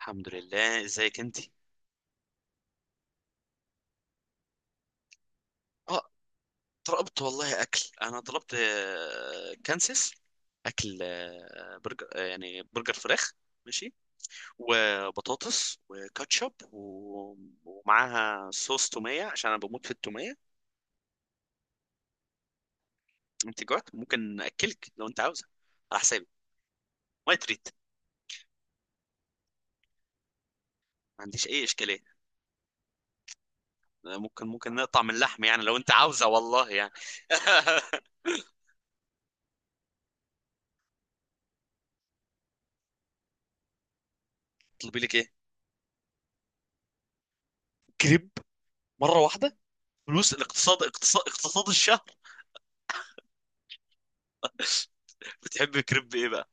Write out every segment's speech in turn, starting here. الحمد لله ازيك انت. اه طلبت والله اكل. انا طلبت كانسيس اكل، برجر، يعني برجر فراخ. ماشي. وبطاطس وكاتشب ومعاها صوص توميه، عشان انا بموت في التوميه. انت جوعت؟ ممكن اكلك لو انت عاوزه، على حسابي. ما تريد. ما عنديش اي اشكاليه. ممكن نقطع من اللحم يعني، لو انت عاوزه، والله يعني. طلبي لك ايه؟ كريب؟ مره واحده. فلوس الاقتصاد. اقتصاد اقتصاد الشهر. بتحب كريب ايه بقى؟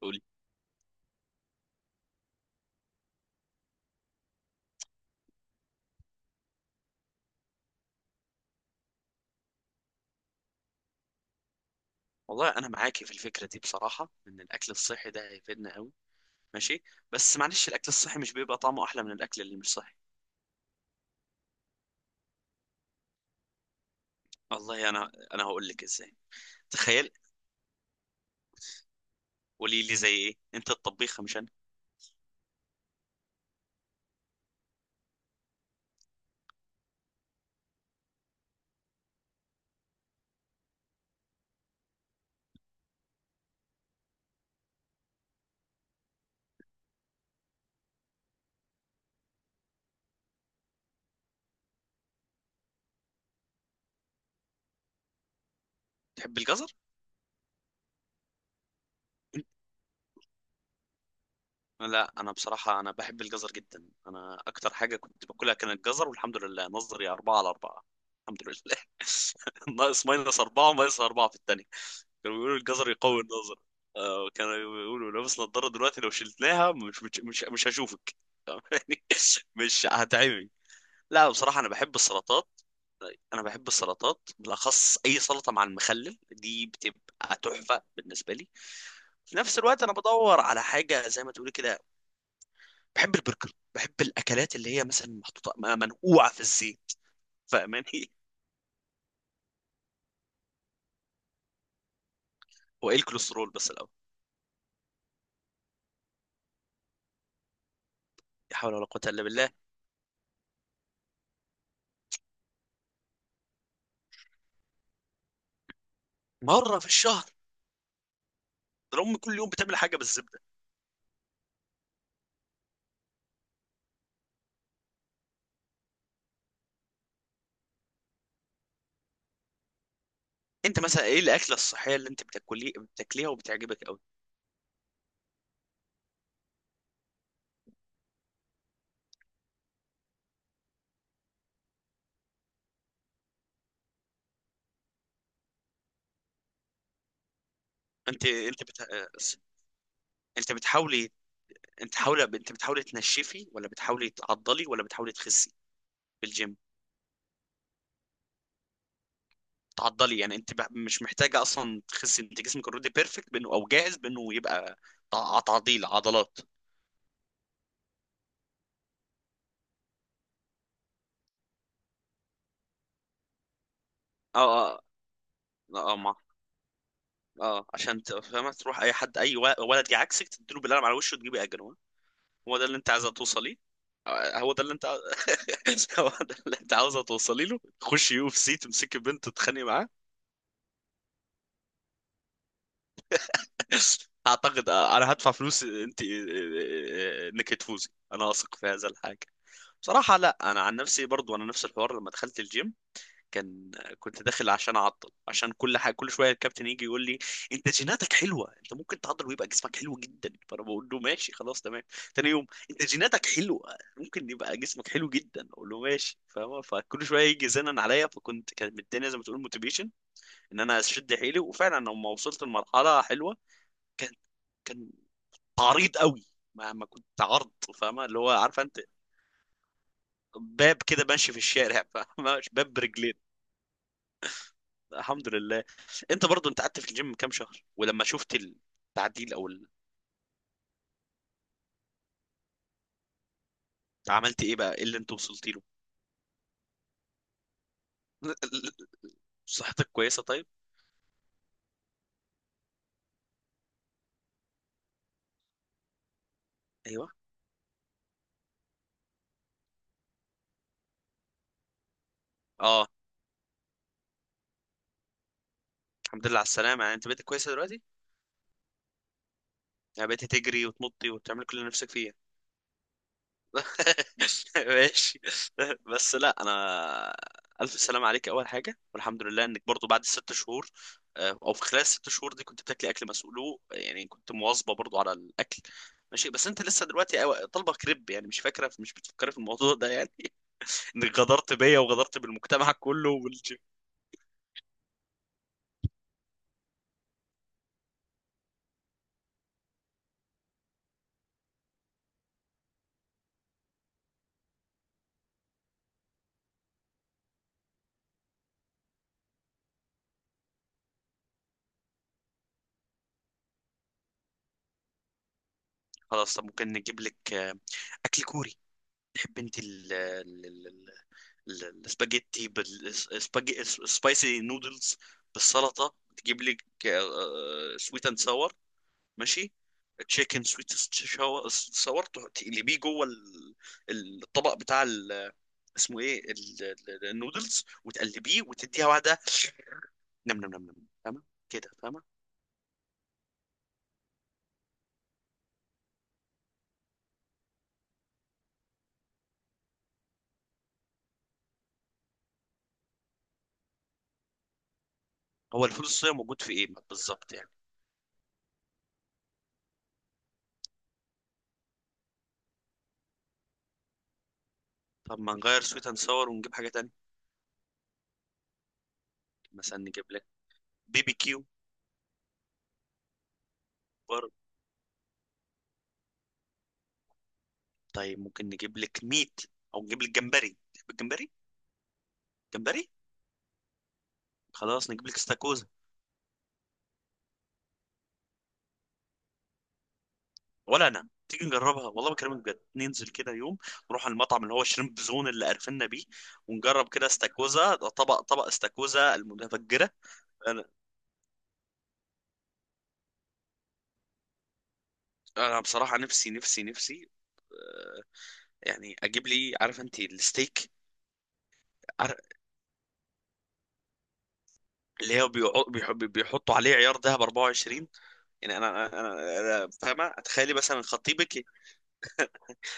قولي. والله انا معاكي في الفكره دي بصراحه، ان الاكل الصحي ده هيفيدنا قوي. ماشي. بس معلش، الاكل الصحي مش بيبقى طعمه احلى من الاكل اللي مش صحي. والله انا هقول لك ازاي. تخيل. قولي لي زي ايه، انت الطبيخه مش انا. تحب الجزر؟ لا انا بصراحه، انا بحب الجزر جدا. انا اكتر حاجه كنت باكلها كان الجزر، والحمد لله نظري 4/4. الحمد لله. ناقص -4 وماينس أربعة في الثانية. كانوا بيقولوا الجزر يقوي النظر. كانوا بيقولوا لابس نظارة دلوقتي، لو شلتناها مش هشوفك. يعني مش هتعمي. لا بصراحة أنا بحب السلطات. أنا بحب السلطات بالأخص، أي سلطة مع المخلل دي بتبقى تحفة بالنسبة لي. في نفس الوقت أنا بدور على حاجة زي ما تقولي كده. بحب البرجر، بحب الأكلات اللي هي مثلا محطوطة منقوعة في الزيت. فاهماني؟ هو إيه الكوليسترول بس الأول؟ لا حول ولا قوة إلا بالله. مرة في الشهر؟ ده أمي كل يوم بتعمل حاجة بالزبدة. انت مثلا ايه الاكله الصحيه اللي انت بتاكليه بتاكليها وبتعجبك قوي؟ انت انت بت... انت بتحاولي انت بتحاولي تنشفي، ولا بتحاولي تعضلي، ولا بتحاولي تخسي؟ بالجيم. تعضلي يعني؟ مش محتاجه اصلا تخسي، انت جسمك اوريدي بيرفكت، بانه او جاهز بانه يبقى تعضيل عضلات. اه اه اه. ما اه عشان فاهمه، تروح اي حد، ولد جه عكسك تديله بالقلم على وشه وتجيبي اجر. هو ده اللي انت عايزه توصليه. هو ده اللي انت. هو ده اللي انت عاوزه توصلي له، خشي يو اف سي تمسكي بنت تتخانقي معاه. اعتقد انا هدفع فلوس انت انك تفوزي. انا اثق في هذا الحاجه. بصراحه لا، انا عن نفسي برضو انا نفس الحوار. لما دخلت الجيم كان كنت داخل عشان اعضل، عشان كل حاجه كل شويه الكابتن يجي يقول لي انت جيناتك حلوه، انت ممكن تعضل ويبقى جسمك حلو جدا. فانا بقول له ماشي خلاص تمام. تاني يوم انت جيناتك حلوه ممكن يبقى جسمك حلو جدا، اقول له ماشي، فاهم؟ فكل شويه يجي زنن عليا، كانت الدنيا زي ما تقول موتيفيشن ان انا اشد حيلي. وفعلا لما وصلت لمرحله حلوه، كان كان عريض قوي. ما كنت عرض، فاهمه اللي هو، عارفه انت؟ باب كده ماشي في الشارع، فاهمه؟ باب برجلين. الحمد لله. انت برضو انت قعدت في الجيم كام شهر؟ ولما شفت التعديل او ال... عملت ايه بقى، ايه اللي انت وصلت له؟ صحتك كويسه طيب. ايوه. اه. الحمد لله على السلامه يعني، انت بقيت كويسه دلوقتي؟ يعني بقيت تجري وتنطي وتعمل كل اللي نفسك فيه يعني؟ ماشي. بس لا، انا الف سلام عليك اول حاجه، والحمد لله انك برضو بعد الـ 6 شهور. او في خلال الـ 6 شهور دي كنت بتاكلي اكل مسؤوله يعني، كنت مواظبه برضو على الاكل. ماشي. بس انت لسه دلوقتي طالبه كريب، يعني مش فاكره، مش بتفكري في الموضوع ده يعني. انك غدرت بيا وغدرت بالمجتمع كله والجيم. خلاص. طب ممكن نجيب لك اكل كوري. تحب انت السباجيتي بالسباجي السبايسي نودلز بالسلطه؟ تجيب لك سويت اند ساور. ماشي. تشيكن سويت ساور تقلبيه جوه الطبق بتاع اسمه ايه النودلز، وتقلبيه وتديها واحده. نم نم نم نم. فاهمه كده، فاهمه؟ هو الفول الصويا موجود في ايه بالظبط يعني؟ طب ما نغير سويت اند ساور ونجيب حاجه تانية. مثلا نجيب لك بيبي كيو. برضه. طيب ممكن نجيب لك ميت، او نجيب لك جمبري. تحب الجمبري؟ جمبري. خلاص نجيب لك استاكوزا. ولا انا. تيجي نجربها؟ والله بكلمك بجد، ننزل كده يوم نروح على المطعم اللي هو شريمب زون اللي عرفنا بيه، ونجرب كده استاكوزا، طبق استاكوزا المتفجره. انا بصراحه نفسي نفسي. آه، يعني اجيب لي، عارف انت الستيك؟ عار- اللي هو بيحطوا عليه عيار ذهب 24. يعني أنا فاهمه. تخيلي مثلا خطيبك.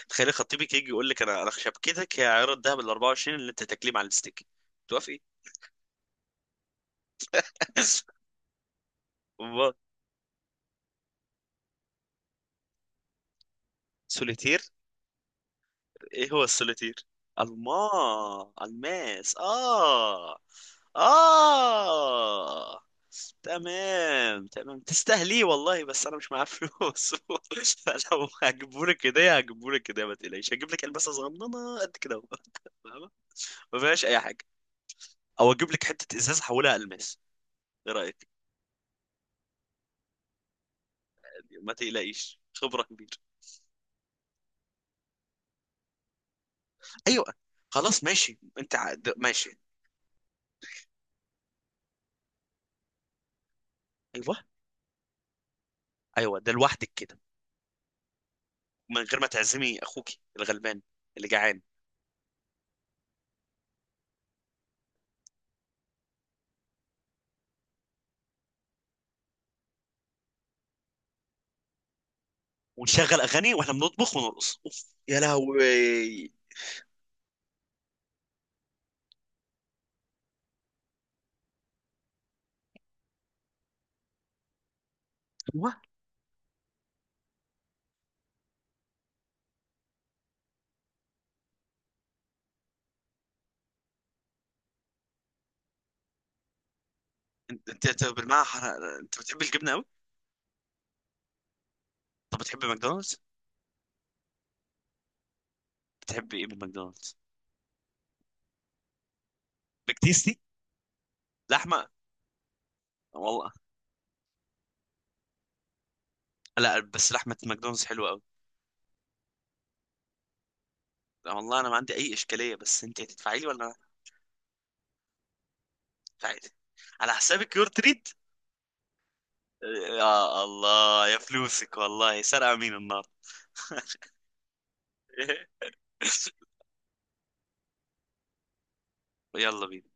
تخيلي خطيبك يجي يقول لك انا شبكتك هي عيار الذهب ال 24 اللي انت تاكليه مع الستيك، توافقي؟ سوليتير. ايه هو السوليتير؟ الما... الماس. اه. اه. تمام تمام، تستاهليه والله، بس انا مش معايا فلوس. لو هجيبهولك كده هجيبهولك كده، ما تقلقيش، هجيب لك الماسه صغننه قد كده اهو. فاهمة؟ ما فيهاش اي حاجه، او اجيب لك حته ازاز احولها الماس. ايه رايك؟ ما تقلقيش، خبره كبيره. ايوه. خلاص ماشي. ماشي. ايوه. ايوه ده لوحدك كده؟ من غير ما تعزمي اخوك الغلبان اللي جعان. ونشغل اغاني واحنا بنطبخ ونرقص. اوف يا لهوي. هو انت انت أنت بالمعنى انت بتحب الجبنه قوي؟ طب بتحب ماكدونالدز؟ بتحب ايه من ماكدونالدز؟ بيك تيستي؟ لحمه. والله. لا بس لحمه ماكدونالدز حلوه قوي. والله انا ما عندي اي اشكاليه بس انت هتدفعي لي ولا أنا؟ هدفعي لي؟ على حسابك؟ يور تريد. يا الله يا فلوسك والله، سرقه مين النار. يلا بينا.